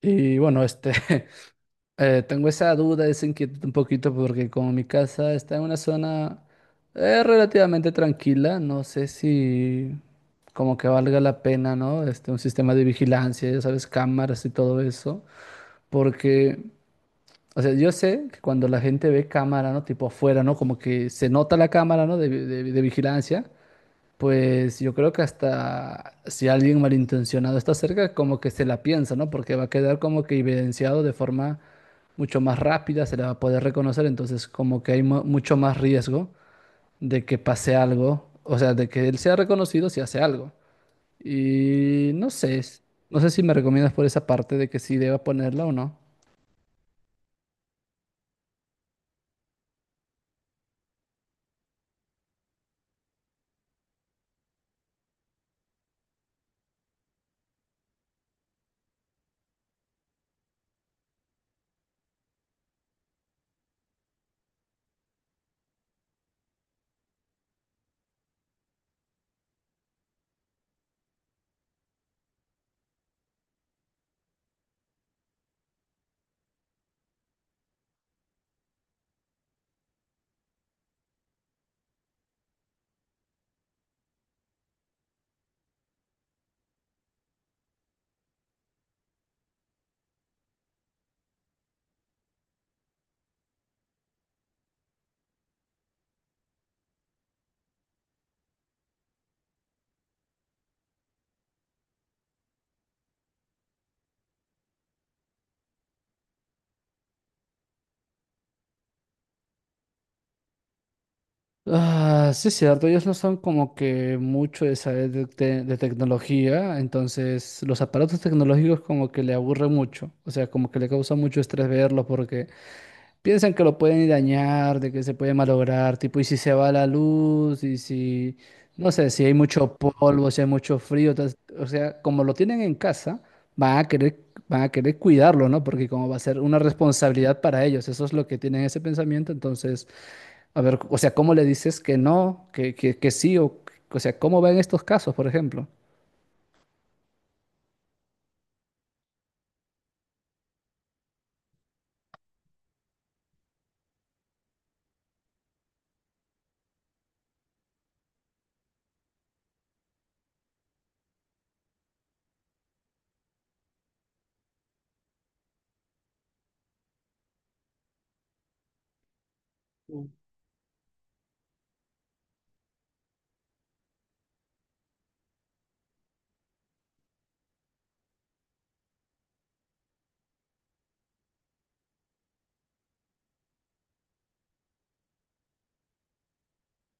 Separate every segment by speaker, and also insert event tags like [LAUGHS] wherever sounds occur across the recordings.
Speaker 1: Y bueno, [LAUGHS] tengo esa duda, esa inquietud un poquito porque como mi casa está en una zona relativamente tranquila, no sé si como que valga la pena, ¿no? Este, un sistema de vigilancia, ya sabes, cámaras y todo eso, porque, o sea, yo sé que cuando la gente ve cámara, ¿no? Tipo afuera, ¿no? Como que se nota la cámara, ¿no? de vigilancia. Pues yo creo que hasta si alguien malintencionado está cerca, como que se la piensa, ¿no? Porque va a quedar como que evidenciado de forma mucho más rápida, se le va a poder reconocer, entonces como que hay mucho más riesgo de que pase algo, o sea, de que él sea reconocido si hace algo. Y no sé, s- no sé si me recomiendas por esa parte de que sí deba ponerla o no. Ah, sí, es cierto, ellos no son como que mucho de saber de tecnología, entonces los aparatos tecnológicos como que le aburren mucho, o sea, como que le causa mucho estrés verlos porque piensan que lo pueden dañar, de que se puede malograr, tipo, y si se va la luz, y si, no sé, si hay mucho polvo, si hay mucho frío, o sea, como lo tienen en casa, van a querer cuidarlo, ¿no? Porque como va a ser una responsabilidad para ellos, eso es lo que tienen ese pensamiento, entonces... A ver, o sea, ¿cómo le dices que no, que sí? O sea, ¿cómo va en estos casos, por ejemplo?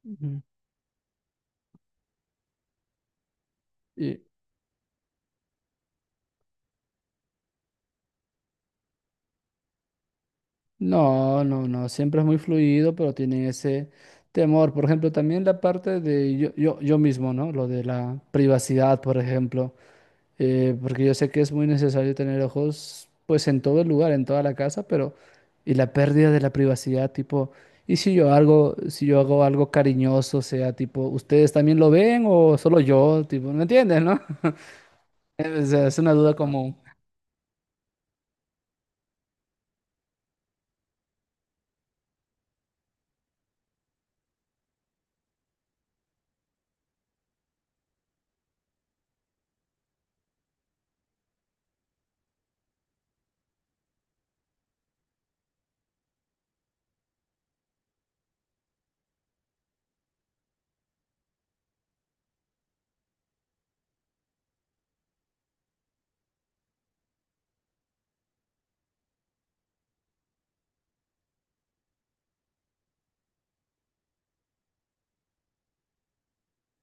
Speaker 1: Ujú. Y no, no, no, siempre es muy fluido, pero tienen ese temor. Por ejemplo, también la parte de yo mismo, ¿no? Lo de la privacidad, por ejemplo. Porque yo sé que es muy necesario tener ojos, pues en todo el lugar, en toda la casa, pero y la pérdida de la privacidad, tipo, ¿y si yo algo, si yo hago algo cariñoso, sea tipo, ¿ustedes también lo ven o solo yo? Tipo, ¿me entiendes, no? Es una duda como,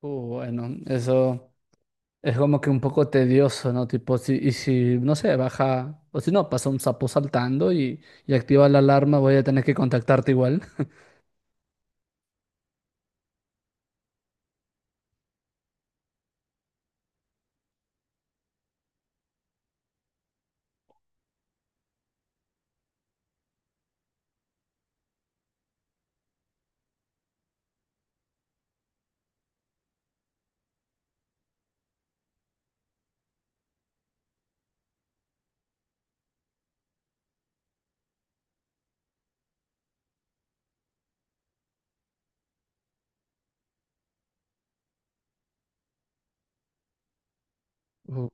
Speaker 1: uh, bueno, eso es como que un poco tedioso, ¿no? Tipo, si, y si, no sé, baja, o si no, pasa un sapo saltando y activa la alarma, voy a tener que contactarte igual. Uh,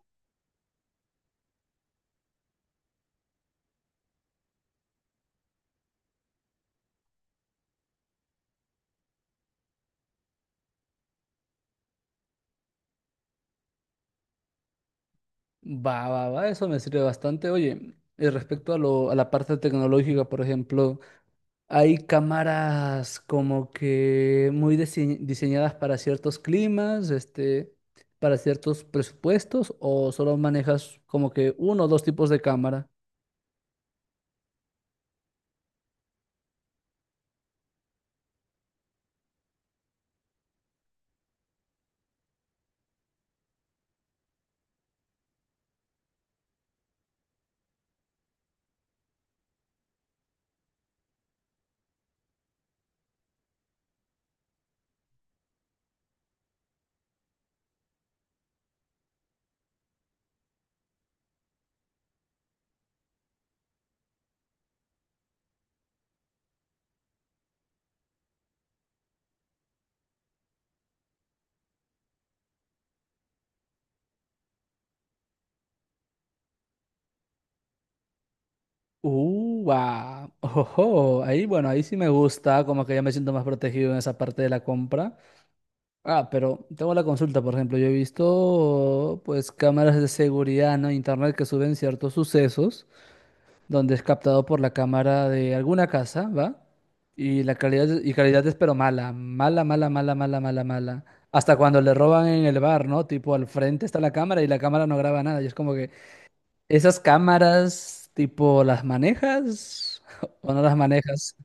Speaker 1: Va, va, va, eso me sirve bastante. Oye, y respecto a la parte tecnológica, por ejemplo, hay cámaras como que muy diseñadas para ciertos climas, este, para ciertos presupuestos, o solo manejas como que uno o dos tipos de cámara. Uva, [LAUGHS] ojo, ahí bueno, ahí sí me gusta, como que ya me siento más protegido en esa parte de la compra. Ah, pero tengo la consulta, por ejemplo, yo he visto pues cámaras de seguridad, ¿no? Internet que suben ciertos sucesos donde es captado por la cámara de alguna casa, ¿va? Y la calidad y calidad es pero mala, mala, mala, mala, mala, mala, mala. Hasta cuando le roban en el bar, ¿no? Tipo, al frente está la cámara y la cámara no graba nada y es como que ¿esas cámaras, tipo, las manejas [LAUGHS] o no las manejas?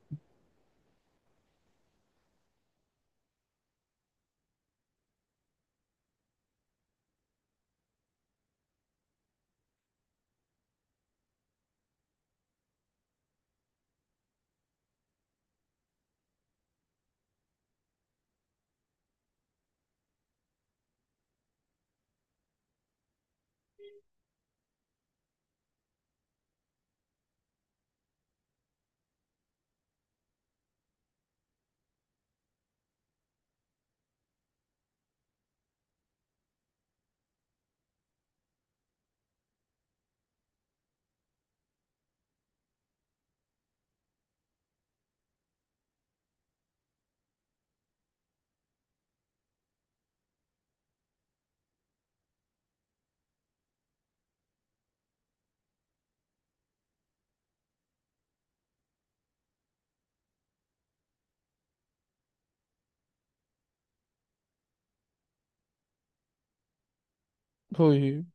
Speaker 1: Uy,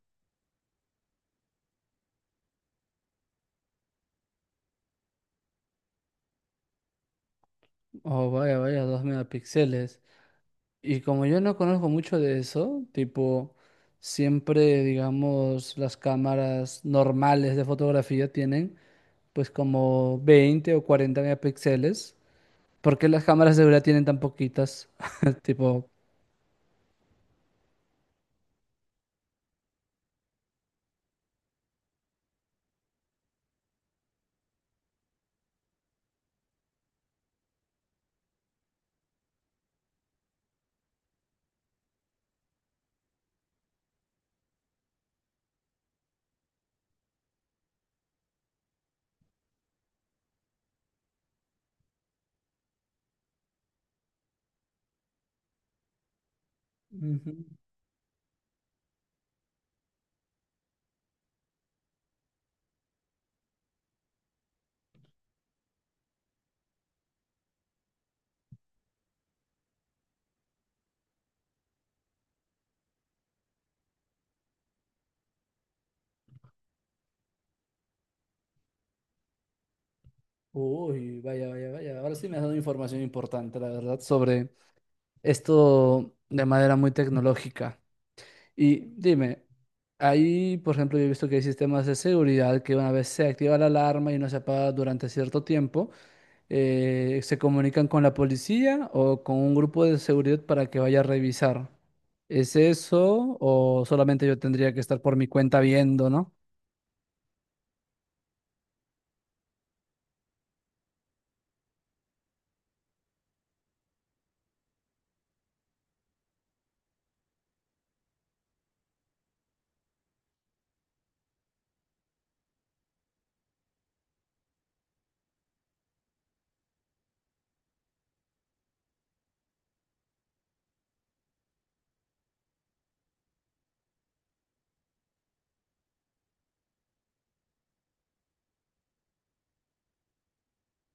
Speaker 1: oh, vaya, vaya, 2 megapíxeles. Y como yo no conozco mucho de eso, tipo, siempre, digamos, las cámaras normales de fotografía tienen, pues, como 20 o 40 megapíxeles. ¿Por qué las cámaras de seguridad tienen tan poquitas? [LAUGHS] Tipo, ujú. Uy, vaya, vaya, vaya. Ahora sí me has dado información importante, la verdad, sobre esto de manera muy tecnológica. Y dime, ahí, por ejemplo, yo he visto que hay sistemas de seguridad que una vez se activa la alarma y no se apaga durante cierto tiempo, se comunican con la policía o con un grupo de seguridad para que vaya a revisar. ¿Es eso o solamente yo tendría que estar por mi cuenta viendo, ¿no?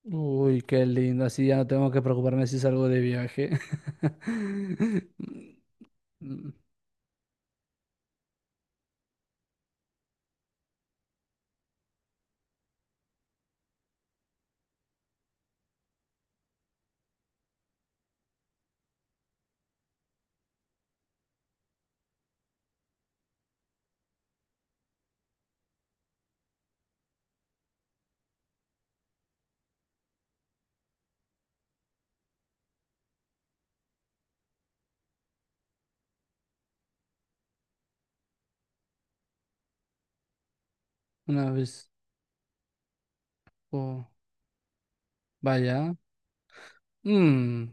Speaker 1: Uy, qué lindo, así ya no tengo que preocuparme si salgo de viaje. [LAUGHS] Una vez, oh, vaya. Mm,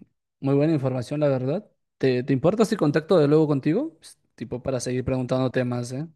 Speaker 1: muy buena información, la verdad. Te importa si contacto de luego contigo? Pues, tipo para seguir preguntándote más, ¿eh?